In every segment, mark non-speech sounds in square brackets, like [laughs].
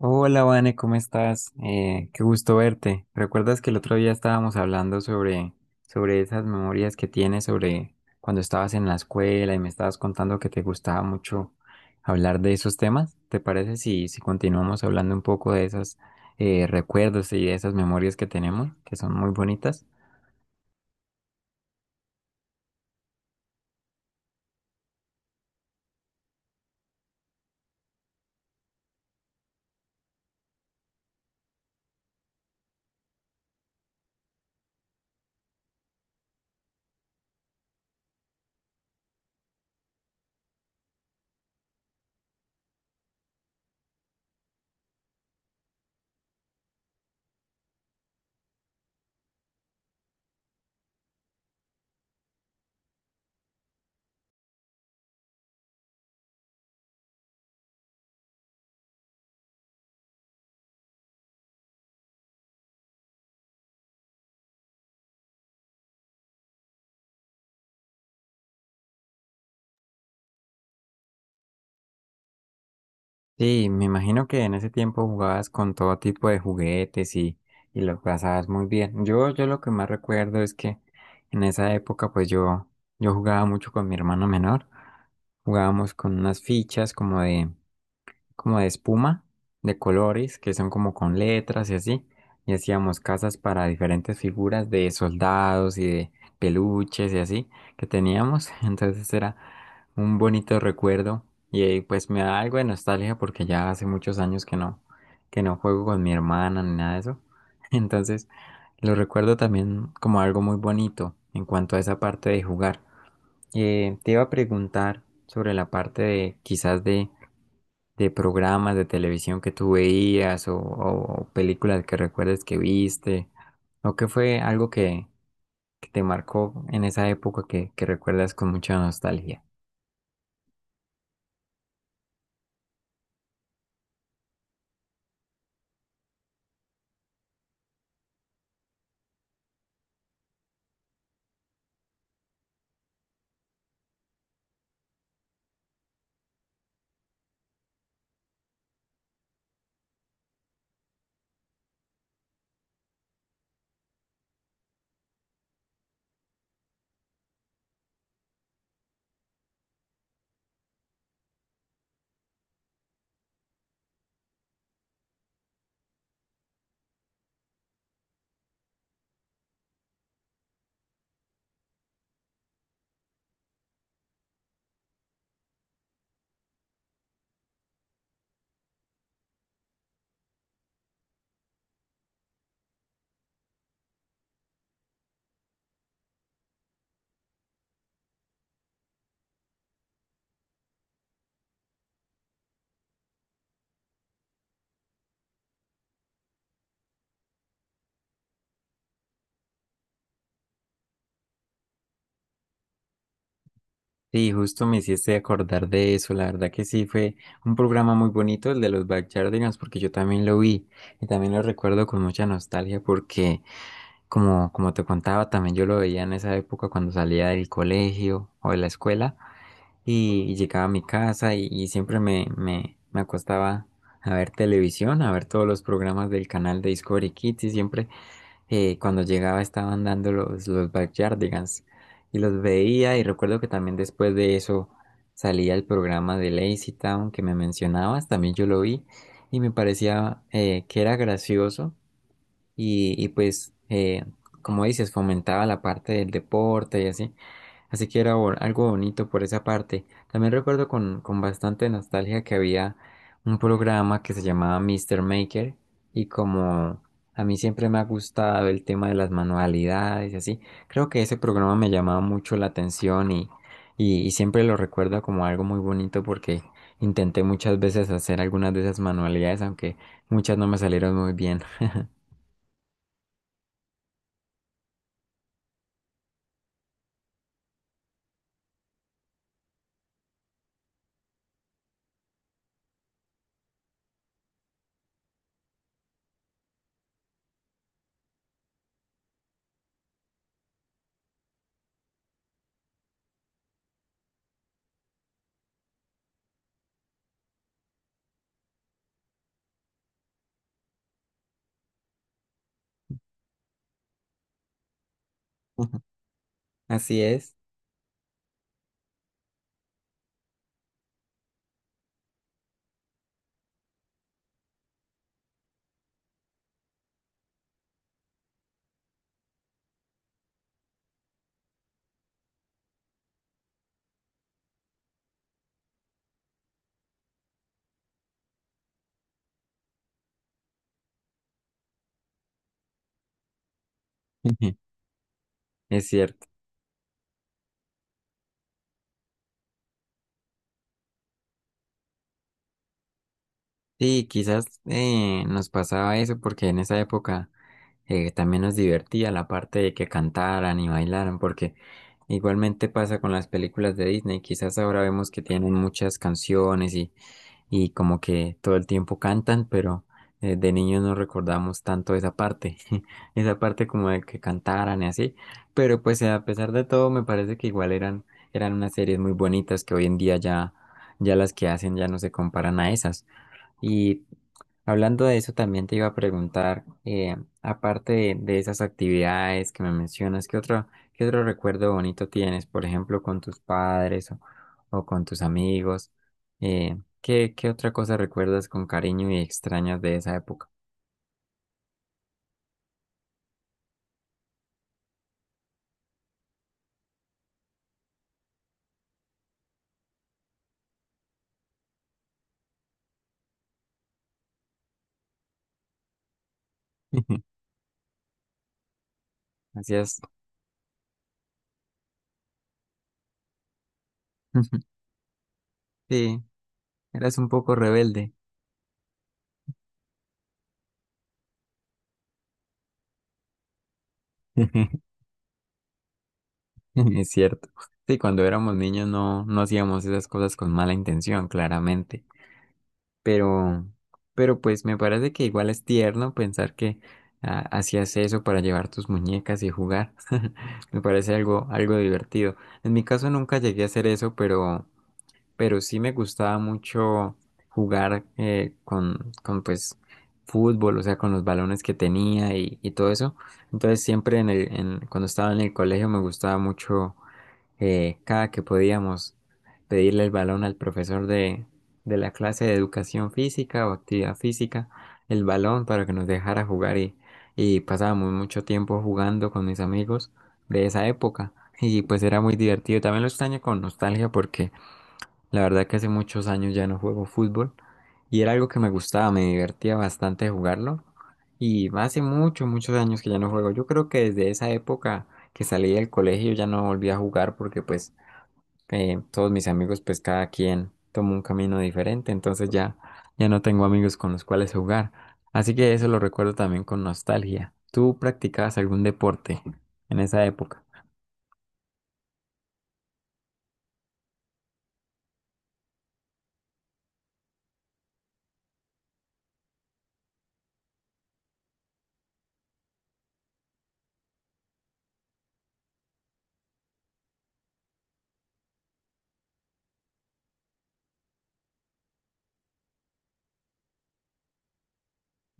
Hola, Vane, ¿cómo estás? Qué gusto verte. ¿Recuerdas que el otro día estábamos hablando sobre esas memorias que tienes sobre cuando estabas en la escuela y me estabas contando que te gustaba mucho hablar de esos temas? ¿Te parece si continuamos hablando un poco de esos recuerdos y de esas memorias que tenemos, que son muy bonitas? Sí, me imagino que en ese tiempo jugabas con todo tipo de juguetes y lo pasabas muy bien. Yo lo que más recuerdo es que en esa época pues yo jugaba mucho con mi hermano menor. Jugábamos con unas fichas como de espuma, de colores, que son como con letras y así. Y hacíamos casas para diferentes figuras de soldados y de peluches y así que teníamos. [laughs] Entonces era un bonito recuerdo y pues me da algo de nostalgia porque ya hace muchos años que no juego con mi hermana ni nada de eso. [laughs] Entonces lo recuerdo también como algo muy bonito en cuanto a esa parte de jugar. Te iba a preguntar sobre la parte de quizás de programas de televisión que tú veías o películas que recuerdes que viste o que fue algo que te marcó en esa época que recuerdas con mucha nostalgia. Sí, justo me hiciste acordar de eso. La verdad que sí fue un programa muy bonito el de los Backyardigans porque yo también lo vi y también lo recuerdo con mucha nostalgia porque como te contaba también yo lo veía en esa época cuando salía del colegio o de la escuela y llegaba a mi casa y siempre me acostaba a ver televisión, a ver todos los programas del canal de Discovery Kids y siempre cuando llegaba estaban dando los Backyardigans y los veía y recuerdo que también después de eso salía el programa de Lazy Town que me mencionabas, también yo lo vi y me parecía que era gracioso y pues como dices fomentaba la parte del deporte y así. Así que era algo bonito por esa parte. También recuerdo con bastante nostalgia que había un programa que se llamaba Mr. Maker y como a mí siempre me ha gustado el tema de las manualidades y así, creo que ese programa me llamaba mucho la atención y siempre lo recuerdo como algo muy bonito porque intenté muchas veces hacer algunas de esas manualidades, aunque muchas no me salieron muy bien. [laughs] Así es, [laughs] es cierto. Sí, quizás nos pasaba eso porque en esa época también nos divertía la parte de que cantaran y bailaran, porque igualmente pasa con las películas de Disney, quizás ahora vemos que tienen muchas canciones y como que todo el tiempo cantan, pero de niños no recordamos tanto esa parte, [laughs] esa parte como de que cantaran y así, pero pues a pesar de todo me parece que igual eran unas series muy bonitas que hoy en día ya las que hacen ya no se comparan a esas. Y hablando de eso, también te iba a preguntar, aparte de esas actividades que me mencionas, ¿ qué otro recuerdo bonito tienes, por ejemplo, con tus padres o con tus amigos? ¿ qué otra cosa recuerdas con cariño y extrañas de esa época? [laughs] Hacías, [laughs] sí, eras un poco rebelde, [laughs] es cierto. Sí, cuando éramos niños no hacíamos esas cosas con mala intención, claramente. pero, pero pues me parece que igual es tierno pensar que ah, hacías eso para llevar tus muñecas y jugar. [laughs] Me parece algo divertido. En mi caso nunca llegué a hacer eso, pero sí me gustaba mucho jugar con pues fútbol, o sea, con los balones que tenía y todo eso. Entonces siempre cuando estaba en el colegio me gustaba mucho cada que podíamos pedirle el balón al profesor de la clase de educación física o actividad física, el balón para que nos dejara jugar y pasábamos mucho tiempo jugando con mis amigos de esa época y pues era muy divertido. También lo extraño con nostalgia porque la verdad que hace muchos años ya no juego fútbol y era algo que me gustaba, me divertía bastante jugarlo. Y hace muchos años que ya no juego. Yo creo que desde esa época que salí del colegio ya no volví a jugar porque pues todos mis amigos, pues cada quien tomó un camino diferente, entonces ya no tengo amigos con los cuales jugar. Así que eso lo recuerdo también con nostalgia. ¿Tú practicabas algún deporte en esa época?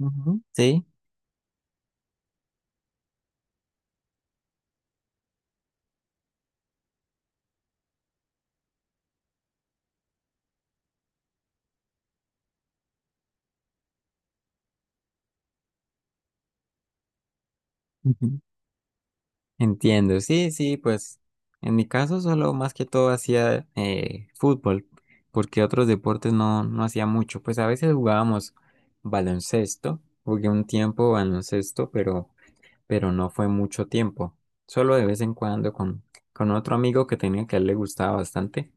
Ujú, sí, ujú, entiendo. Sí, pues en mi caso solo más que todo hacía fútbol, porque otros deportes no hacía mucho. Pues a veces jugábamos baloncesto, jugué un tiempo baloncesto, pero no fue mucho tiempo. Solo de vez en cuando con otro amigo que tenía que a él le gustaba bastante.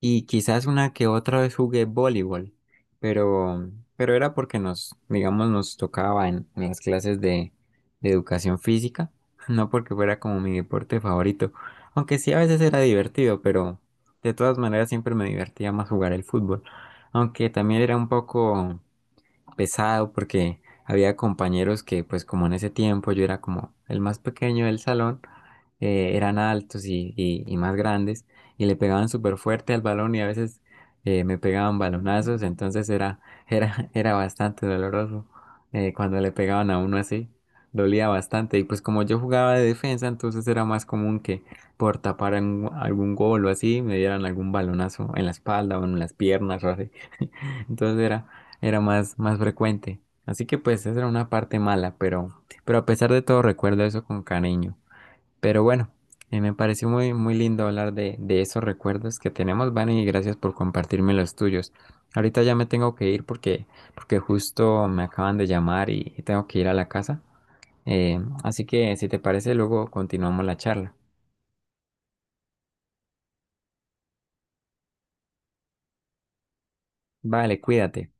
Y quizás una que otra vez jugué voleibol, pero, pero era porque nos, digamos, nos tocaba en las clases de educación física, [laughs] no porque fuera como mi deporte favorito. Aunque sí a veces era divertido, pero de todas maneras siempre me divertía más jugar el fútbol. Aunque también era un poco pesado porque había compañeros que, pues como en ese tiempo yo era como el más pequeño del salón, eran altos y más grandes y le pegaban súper fuerte al balón y a veces me pegaban balonazos, entonces [laughs] era bastante doloroso cuando le pegaban a uno así, dolía bastante y pues como yo jugaba de defensa, entonces era más común que por tapar algún gol o así me dieran algún balonazo en la espalda o en las piernas o así. [laughs] Entonces era más, más frecuente. Así que pues esa era una parte mala, pero a pesar de todo recuerdo eso con cariño. Pero bueno, me pareció muy, muy lindo hablar de esos recuerdos que tenemos, Vani, y gracias por compartirme los tuyos. Ahorita ya me tengo que ir porque justo me acaban de llamar y tengo que ir a la casa. Así que si te parece, luego continuamos la charla. Vale, cuídate.